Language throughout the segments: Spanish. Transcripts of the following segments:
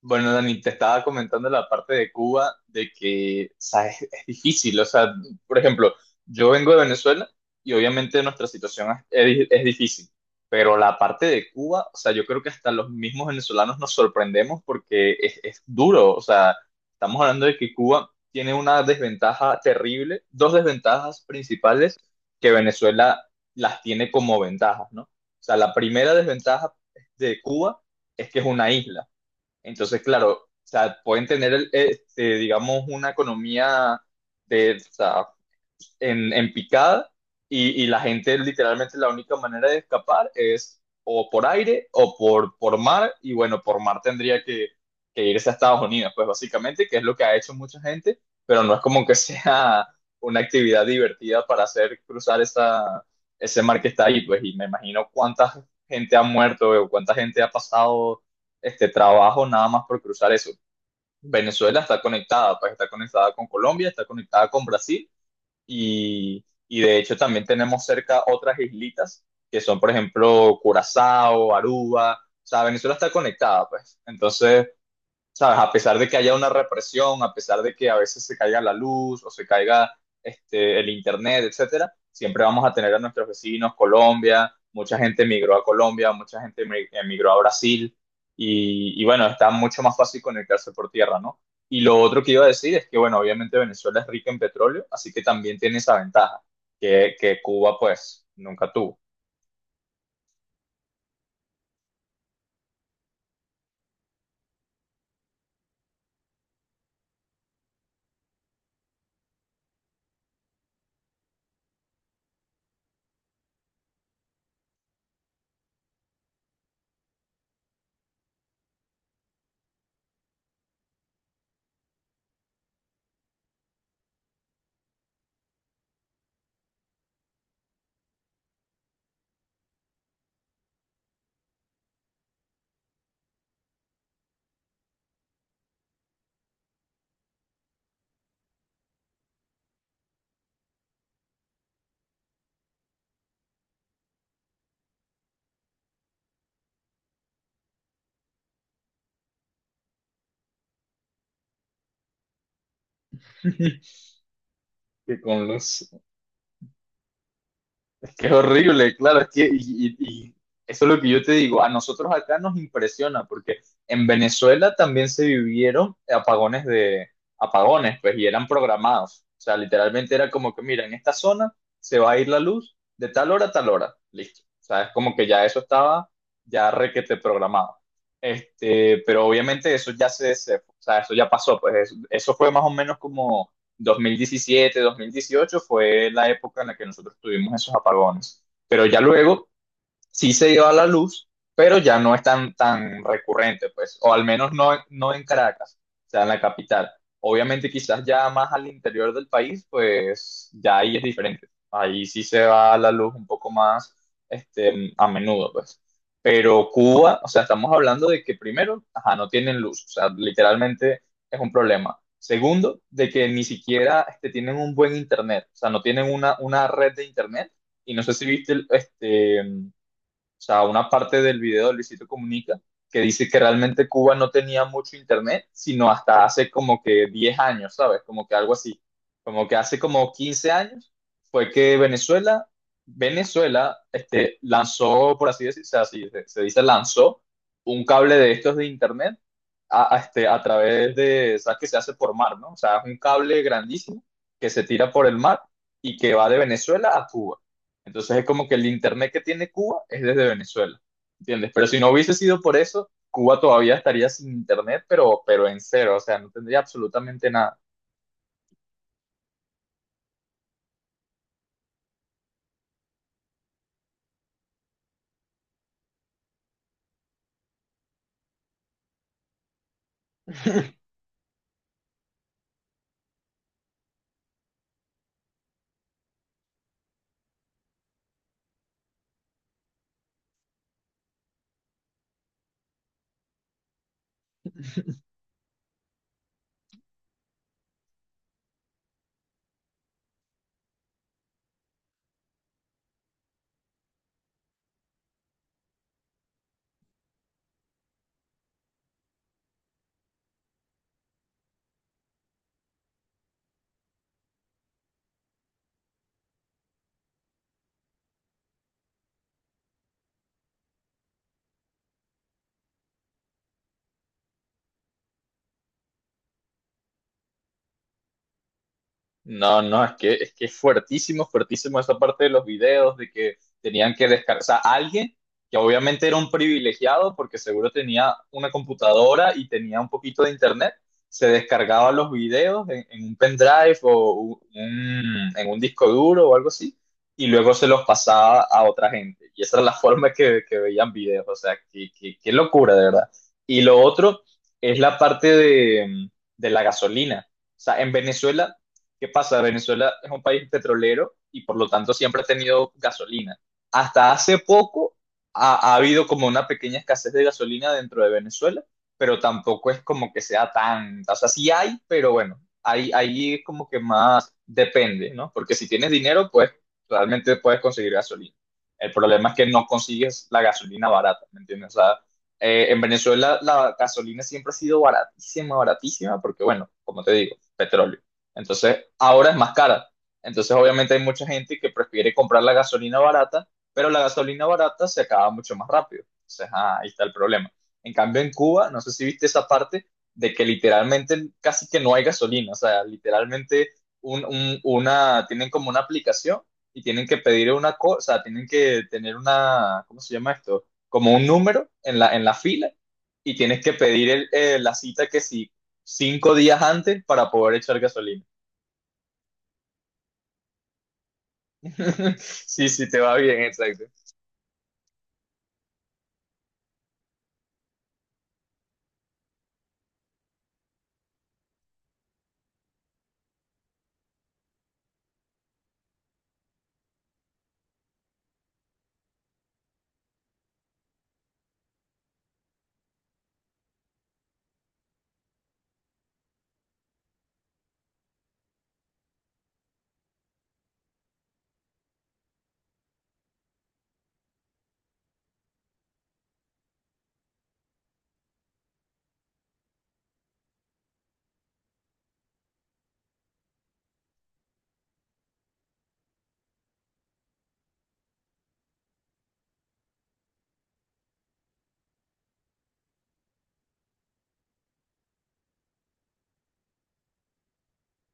Bueno, Dani, te estaba comentando la parte de Cuba, de que, o sea, es difícil, o sea, por ejemplo, yo vengo de Venezuela y obviamente nuestra situación es difícil, pero la parte de Cuba, o sea, yo creo que hasta los mismos venezolanos nos sorprendemos porque es duro, o sea, estamos hablando de que Cuba tiene una desventaja terrible, dos desventajas principales que Venezuela las tiene como ventajas, ¿no? O sea, la primera desventaja de Cuba es que es una isla. Entonces, claro, o sea, pueden tener, digamos, una economía de, o sea, en picada y, la gente literalmente la única manera de escapar es o por aire o por mar y bueno, por mar tendría que irse a Estados Unidos, pues básicamente, que es lo que ha hecho mucha gente, pero no es como que sea una actividad divertida para hacer cruzar esa, ese mar que está ahí, pues y me imagino cuánta gente ha muerto o cuánta gente ha pasado este trabajo nada más por cruzar eso. Venezuela está conectada, pues está conectada con Colombia, está conectada con Brasil y de hecho también tenemos cerca otras islitas que son, por ejemplo, Curazao, Aruba. O sea, Venezuela está conectada, pues. Entonces, ¿sabes? A pesar de que haya una represión, a pesar de que a veces se caiga la luz o se caiga el internet, etcétera, siempre vamos a tener a nuestros vecinos, Colombia, mucha gente emigró a Colombia, mucha gente emigró a Brasil, y bueno, está mucho más fácil conectarse por tierra, ¿no? Y lo otro que iba a decir es que, bueno, obviamente Venezuela es rica en petróleo, así que también tiene esa ventaja que Cuba, pues, nunca tuvo. Que con los, es que es horrible, claro, es que y eso es lo que yo te digo, a nosotros acá nos impresiona porque en Venezuela también se vivieron apagones de apagones, pues, y eran programados. O sea, literalmente era como que, mira, en esta zona se va a ir la luz de tal hora a tal hora, listo. O sea, es como que ya eso estaba ya requete programado. Pero obviamente eso ya o sea, eso ya pasó, pues eso fue más o menos como 2017 2018 fue la época en la que nosotros tuvimos esos apagones. Pero ya luego sí se dio a la luz, pero ya no es tan recurrente, pues, o al menos no, no en Caracas, o sea, en la capital. Obviamente quizás ya más al interior del país, pues ya ahí es diferente. Ahí sí se va a la luz un poco más a menudo, pues. Pero Cuba, o sea, estamos hablando de que primero, ajá, no tienen luz, o sea, literalmente es un problema. Segundo, de que ni siquiera tienen un buen internet, o sea, no tienen una red de internet. Y no sé si viste o sea, una parte del video de Luisito Comunica que dice que realmente Cuba no tenía mucho internet, sino hasta hace como que 10 años, ¿sabes? Como que algo así. Como que hace como 15 años fue que Venezuela, lanzó, por así decirse, así se dice, lanzó un cable de estos de internet a, a través de, ¿sabes? Que se hace por mar, ¿no? O sea, es un cable grandísimo que se tira por el mar y que va de Venezuela a Cuba. Entonces es como que el internet que tiene Cuba es desde Venezuela, ¿entiendes? Pero si no hubiese sido por eso, Cuba todavía estaría sin internet, pero en cero, o sea, no tendría absolutamente nada. No, no, es que es fuertísimo, fuertísimo esa parte de los videos de que tenían que descargar, o sea, alguien que obviamente era un privilegiado porque seguro tenía una computadora y tenía un poquito de internet, se descargaba los videos en un pendrive o en un disco duro o algo así y luego se los pasaba a otra gente. Y esa era la forma que veían videos, o sea, qué locura, de verdad. Y lo otro es la parte de la gasolina. O sea, en Venezuela, ¿qué pasa? Venezuela es un país petrolero y por lo tanto siempre ha tenido gasolina. Hasta hace poco ha habido como una pequeña escasez de gasolina dentro de Venezuela, pero tampoco es como que sea tan, o sea, sí hay, pero bueno, ahí es como que más depende, ¿no? Porque si tienes dinero, pues realmente puedes conseguir gasolina. El problema es que no consigues la gasolina barata, ¿me entiendes? O sea, en Venezuela la gasolina siempre ha sido baratísima, baratísima, porque bueno, como te digo, petróleo. Entonces, ahora es más cara. Entonces, obviamente hay mucha gente que prefiere comprar la gasolina barata, pero la gasolina barata se acaba mucho más rápido. Entonces, ahí está el problema. En cambio, en Cuba, no sé si viste esa parte de que literalmente casi que no hay gasolina. O sea, literalmente tienen como una aplicación y tienen que pedir una cosa, o sea, tienen que tener una, ¿cómo se llama esto? Como un número en la fila y tienes que pedir la cita que sí, 5 días antes para poder echar gasolina. Sí, sí, te va bien, exacto.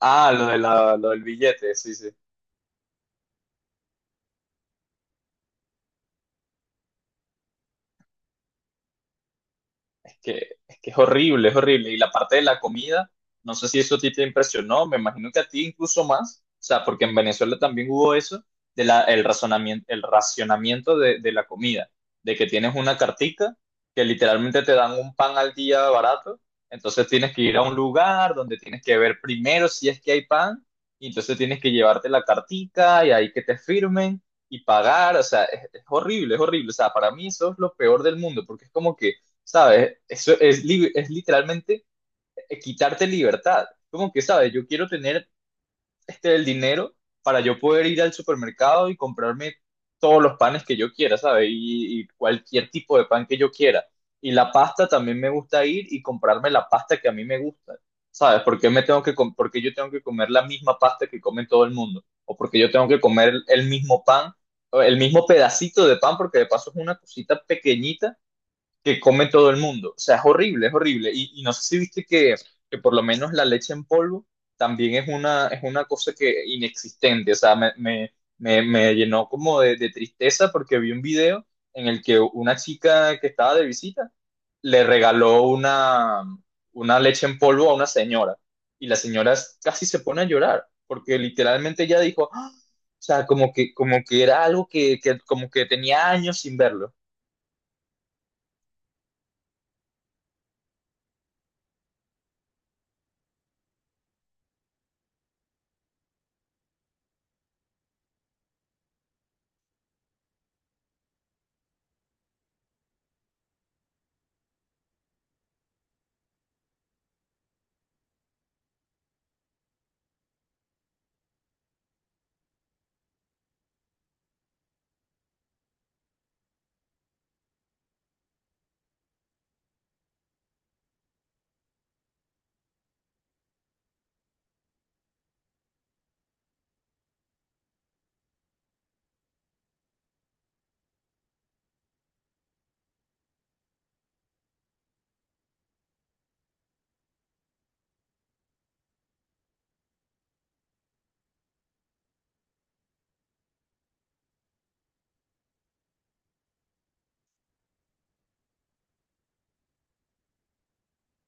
Ah, lo de la, lo del billete, sí, sí. Es que, es que es horrible, es horrible. Y la parte de la comida, no sé si eso a ti te impresionó, me imagino que a ti incluso más, o sea, porque en Venezuela también hubo eso, de la, el, razonamiento, el racionamiento de la comida, de que tienes una cartica que literalmente te dan un pan al día barato, entonces tienes que ir a un lugar donde tienes que ver primero si es que hay pan, y entonces tienes que llevarte la cartica y ahí que te firmen y pagar, o sea, es horrible, o sea, para mí eso es lo peor del mundo, porque es como que, ¿sabes? Eso es literalmente quitarte libertad. Como que, ¿sabes? Yo quiero tener el dinero para yo poder ir al supermercado y comprarme todos los panes que yo quiera, ¿sabes? Y cualquier tipo de pan que yo quiera. Y la pasta también me gusta ir y comprarme la pasta que a mí me gusta, ¿sabes? ¿Porque me tengo que por qué yo tengo que comer la misma pasta que come todo el mundo? ¿O porque yo tengo que comer el mismo pan, o el mismo pedacito de pan, porque de paso es una cosita pequeñita que come todo el mundo? O sea, es horrible, es horrible. Y no sé si viste que por lo menos la leche en polvo también es una cosa que inexistente. O sea, me llenó como de tristeza porque vi un video en el que una chica que estaba de visita le regaló una leche en polvo a una señora. Y la señora casi se pone a llorar porque literalmente ella dijo, "Ah", o sea, como que era algo que como que tenía años sin verlo.